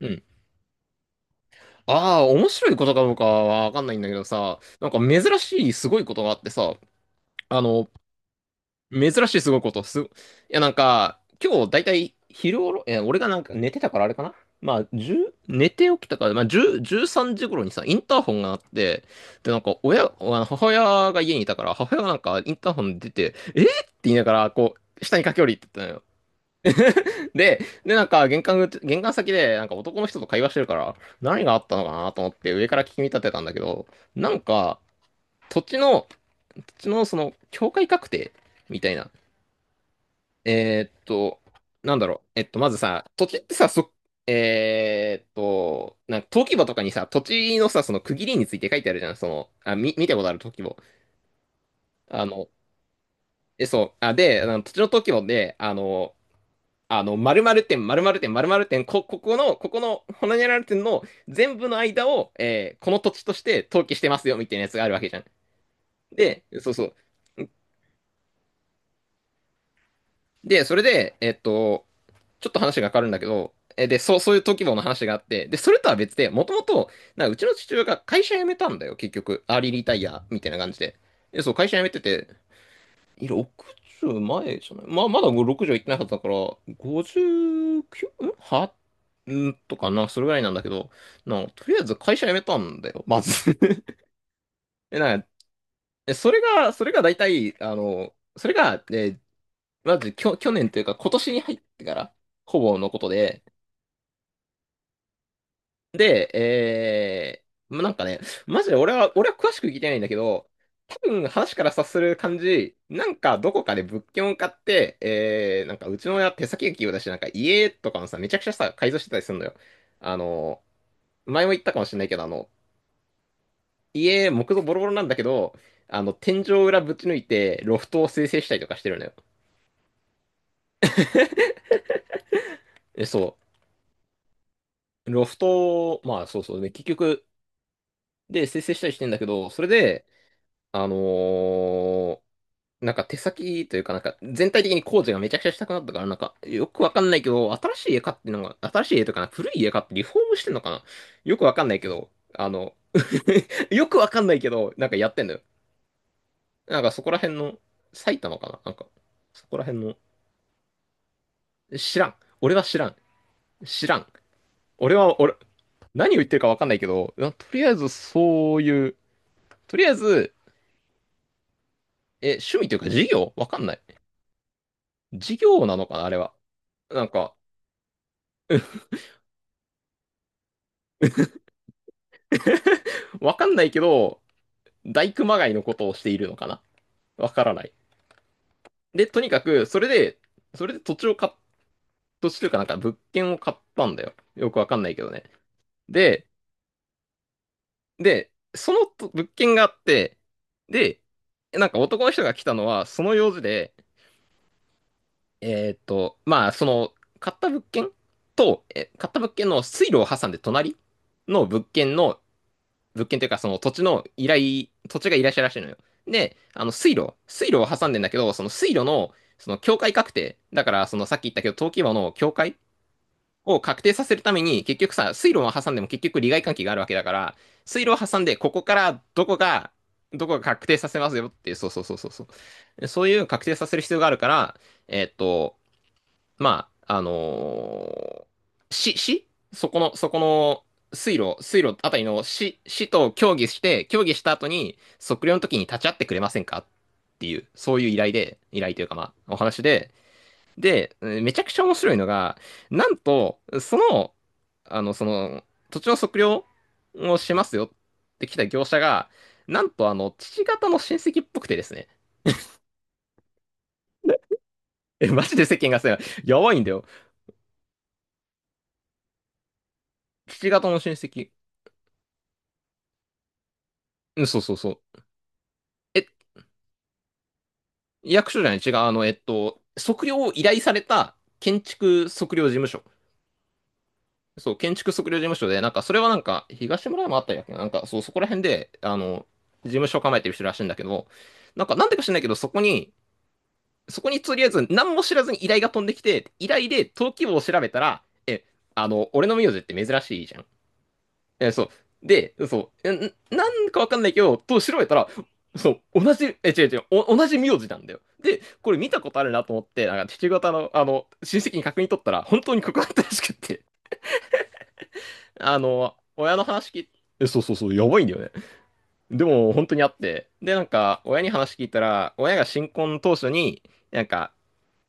うん。ああ、面白いことかどうかはわかんないんだけどさ、なんか珍しいすごいことがあってさ、あの、珍しいすごいこと、す、いやなんか、今日だいたい昼頃、俺がなんか寝てたからあれかな。まあ、10、寝て起きたから、まあ、10、13時頃にさ、インターホンがあって、で、なんか、親、あの母親が家にいたから、母親がなんか、インターホン出て、えーって言いながら、こう、下に駆け下りてったので、で、なんか玄関先で、なんか男の人と会話してるから、何があったのかなと思って上から聞き立てたんだけど、なんか、土地の、土地のその、境界確定みたいな。えーっと、なんだろう。まずさ、土地ってさ、そ、えーっと、なんか登記簿とかにさ、土地のさ、その区切りについて書いてあるじゃん。見たことある登記簿。あの、そう。で、あの土地の登記簿で、〇〇点、〇〇点、〇〇点、ここの、ほにゃらら点の全部の間を、この土地として登記してますよ、みたいなやつがあるわけじゃん。で、そうそう。で、それで、ちょっと話が変わるんだけど、で、そう、そういう登記簿の話があって、で、それとは別で、もともと、なんかうちの父親が会社辞めたんだよ、結局。アーリーリタイア、みたいな感じで。で、そう、会社辞めてて、いや60前じゃない。まあ、まだ60行ってなかったから、59？ んはんとかな、それぐらいなんだけど、とりあえず会社辞めたんだよ、まず。なんか、えそれが、それが大体、あの、それが、え、まず、去年というか、今年に入ってから、ほぼのことで、で、なんかね、マジで俺は詳しく聞いてないんだけど、多分話から察する感じ、なんかどこかで物件を買って、なんかうちの親手先が器用だし、なんか家とかのさ、めちゃくちゃさ、改造してたりするのよ。あの、前も言ったかもしれないけど、家、木造ボロボロなんだけど、天井裏ぶち抜いて、ロフトを生成したりとかしてるのよ。そう。ロフトを、まあそうそうね、結局、で、生成したりしてんだけど、それで、あのーなんか手先というか、なんか全体的に工事がめちゃくちゃしたくなったから、なんかよくわかんないけど、新しい家買ってのが、新しい家とかな、古い家買ってリフォームしてんのかな。よくわかんないけど、よくわかんないけど、なんかやってんだよ。なんかそこら辺の、埼玉かななんか、そこら辺の、知らん。俺は知らん。知らん。俺は、俺、何を言ってるかわかんないけど、とりあえずそういう、とりあえず、趣味というか事業わかんない。事業なのかな、あれは。なんか、わかんないけど、大熊谷のことをしているのかな。わからない。で、とにかく、それで、土地を土地というかなんか物件を買ったんだよ。よくわかんないけどね。で、そのと物件があって、で、なんか男の人が来たのは、その用事で、まあ、その、買った物件買った物件の水路を挟んで隣の物件というか、その土地が依頼者らしいのよ。で、水路を挟んでんだけど、その水路の、その境界確定、だから、そのさっき言ったけど、登記簿の境界を確定させるために、結局さ、水路を挟んでも結局利害関係があるわけだから、水路を挟んで、ここからどこが、どこが確定させますよっていう、そうそうそうそうそう。そういう確定させる必要があるから、えーっと、まあ、市そこの水路あたりの市と協議して、協議した後に測量の時に立ち会ってくれませんかっていう、そういう依頼で、依頼というかまあ、お話で、で、めちゃくちゃ面白いのが、なんと、あの、その、土地の測量をしますよって来た業者が、なんと父方の親戚っぽくてですね。マジで世間がさ、やばいんだよ。父方の親戚。うん、そうそうそう。え、役所じゃない、違う、測量を依頼された建築測量事務所。そう、建築測量事務所で、なんか、それはなんか、東村山あったりだっけな、なんか、そう、そこら辺で、事務所を構えてる人らしいんだけど、なんか、なんでか知らないけど、そこにとりあえず、何も知らずに依頼が飛んできて、依頼で登記簿を調べたら、え、あの、俺の名字って珍しいじゃん。そう。で、そう。なんかわかんないけど、と調べたら、そう、同じ、え、違う違う、同じ名字なんだよ。で、これ見たことあるなと思って、なんか父方の、親戚に確認取ったら、本当にここだったらしくって、あの、親の話聞いえ、そうそうそう、やばいんだよね。でも、本当にあって。で、なんか、親に話聞いたら、親が新婚当初に、なんか、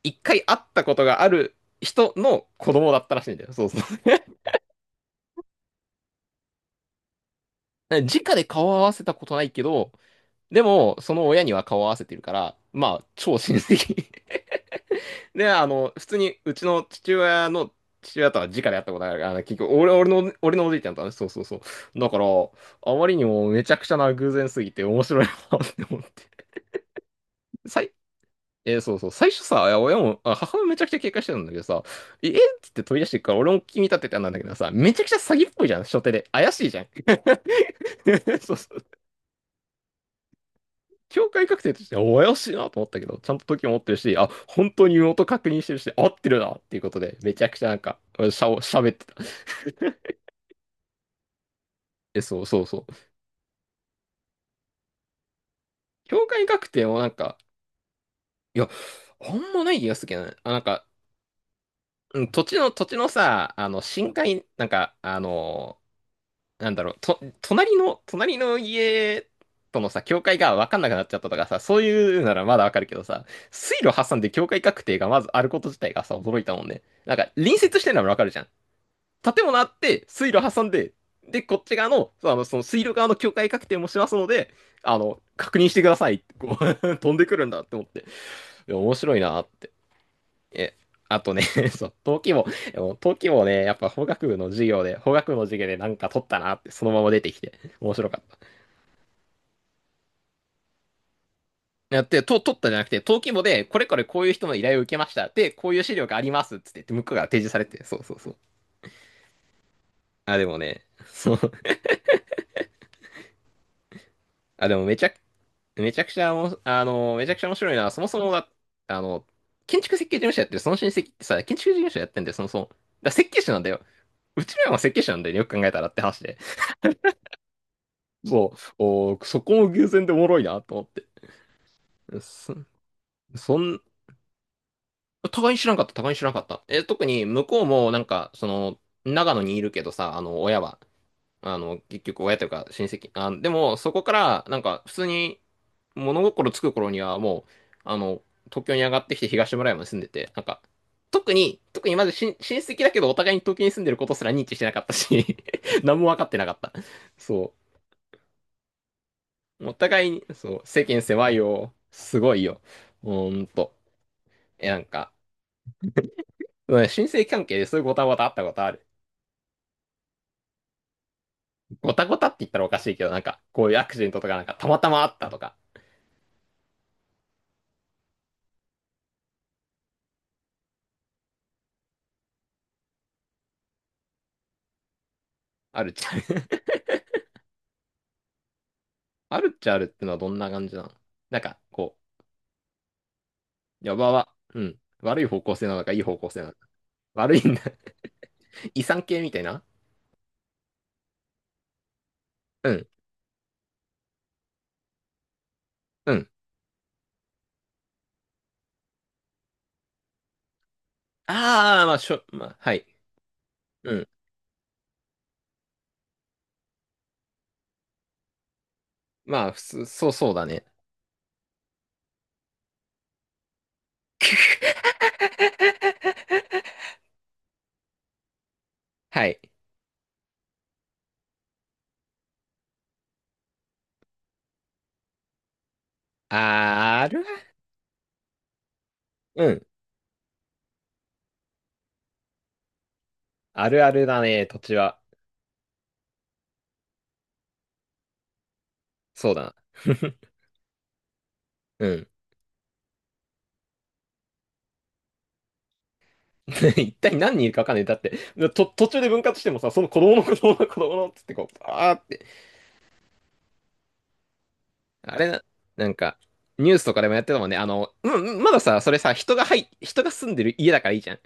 一回会ったことがある人の子供だったらしいんだよ。そうそう。直で顔を合わせたことないけど、でも、その親には顔を合わせてるから、まあ、超親戚。で、普通に、うちの父親の父親とは直で会ったことあるから、結局、俺のおじいちゃんとはね、そうそうそう。だから、あまりにもめちゃくちゃな偶然すぎて面白いなって思って。さいえーそうそう。最初さ、いや親も、あ母親めちゃくちゃ警戒してたんだけどさ、ええっつって飛び出してくから、俺も気に立ててたんだけどさ、めちゃくちゃ詐欺っぽいじゃん、初手で。怪しいじゃん。そうそう。境界確定としては、怪しいなと思ったけど、ちゃんと時も持ってるし、本当に身元確認してるし、合ってるなっていうことで、めちゃくちゃなんか、喋ってた。そうそうそう。境界確定もなんか、いや、あんまない気がするけどね。なんか、うん、土地のさ、深海、なんか、なんだろう、隣の家とのさ、境界が分かんなくなっちゃったとかさ、そういうならまだ分かるけどさ、水路挟んで境界確定がまずあること自体がさ、驚いたもんね。なんか、隣接してるのは分かるじゃん。建物あって、水路挟んで、で、こっち側の、その水路側の境界確定もしますので、確認してくださいってこう 飛んでくるんだって思って、いや面白いなって。え、あとね、そう、登記簿、でも登記簿ね、やっぱ法学部の授業で、法学部の授業でなんか取ったなって、そのまま出てきて、面白かった。やって、と取ったじゃなくて、登記簿で、これこれこういう人の依頼を受けました。で、こういう資料がありますっつって、向こうが提示されて、そうそうそう。あ、でもね、そう。あ、でもめちゃくめちゃくちゃおも、あの、めちゃくちゃ面白いな。そもそもが、あの、建築設計事務所やってる、その親戚ってさ、建築事務所やってんだよ、そもそも。だから設計士なんだよ。うちらも設計士なんだよね、よく考えたらって話で。そう、おー、そこも偶然でおもろいなと思って。そ、そん、互いに知らんかった、互いに知らんかった。え、特に向こうもなんか、その、長野にいるけどさ、あの、親は。あの、結局親というか親戚。あ、でも、そこから、なんか、普通に物心つく頃には、もう、東京に上がってきて東村山に住んでて、なんか、特にまず親親戚だけど、お互いに東京に住んでることすら認知してなかったし 何も分かってなかった。そう。お互いに、そう、世間狭いよ。すごいよ。ほんと。え、なんか、うん、親戚関係でそういうごたごたあったことある。ごたごたって言ったらおかしいけど、なんか、こういうアクシデントとか、なんか、たまたまあったとか、あるじゃん。あるっちゃあるってのはどんな感じなの、なんか、こう、やばは、うん、悪い方向性なのか、いい方向性なのか。悪いんだ。遺産系みたいな、うん、うん。ああ、まあ、しょ、まあ、はい。うん。まあ、普通、そうそうだね。はい。あー、ある、うん。あるあるだね、土地は。そうだな。うん。一体何人いるかわかんない。だって、と、途中で分割してもさ、その子供の子供の子供のっつってこう、あーってあれな、なんか、ニュースとかでもやってたもんね。あの、うんうん、まださ、それさ、人が住んでる家だからいいじゃん。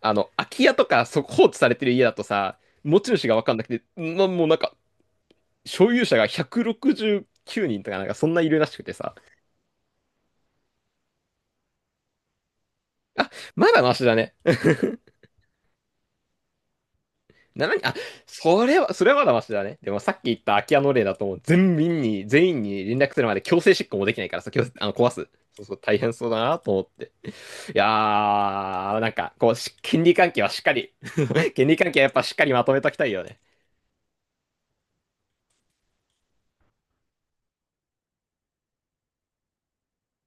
あの、空き家とか、そ、放置されてる家だとさ、持ち主がわかんなくて、なもうなんか、所有者が169人とかなんか、そんないるらしくてさ。あ、まだマシだね。ななにん、あ、それはまだマシだね。でもさっき言った空き家の例だと、もう全員に連絡するまで強制執行もできないからさ、強制、あの、壊す。そうそう、大変そうだなと思って。いやー、なんか、こう、し権利関係はしっかり 権利関係はやっぱしっかりまとめときたいよね。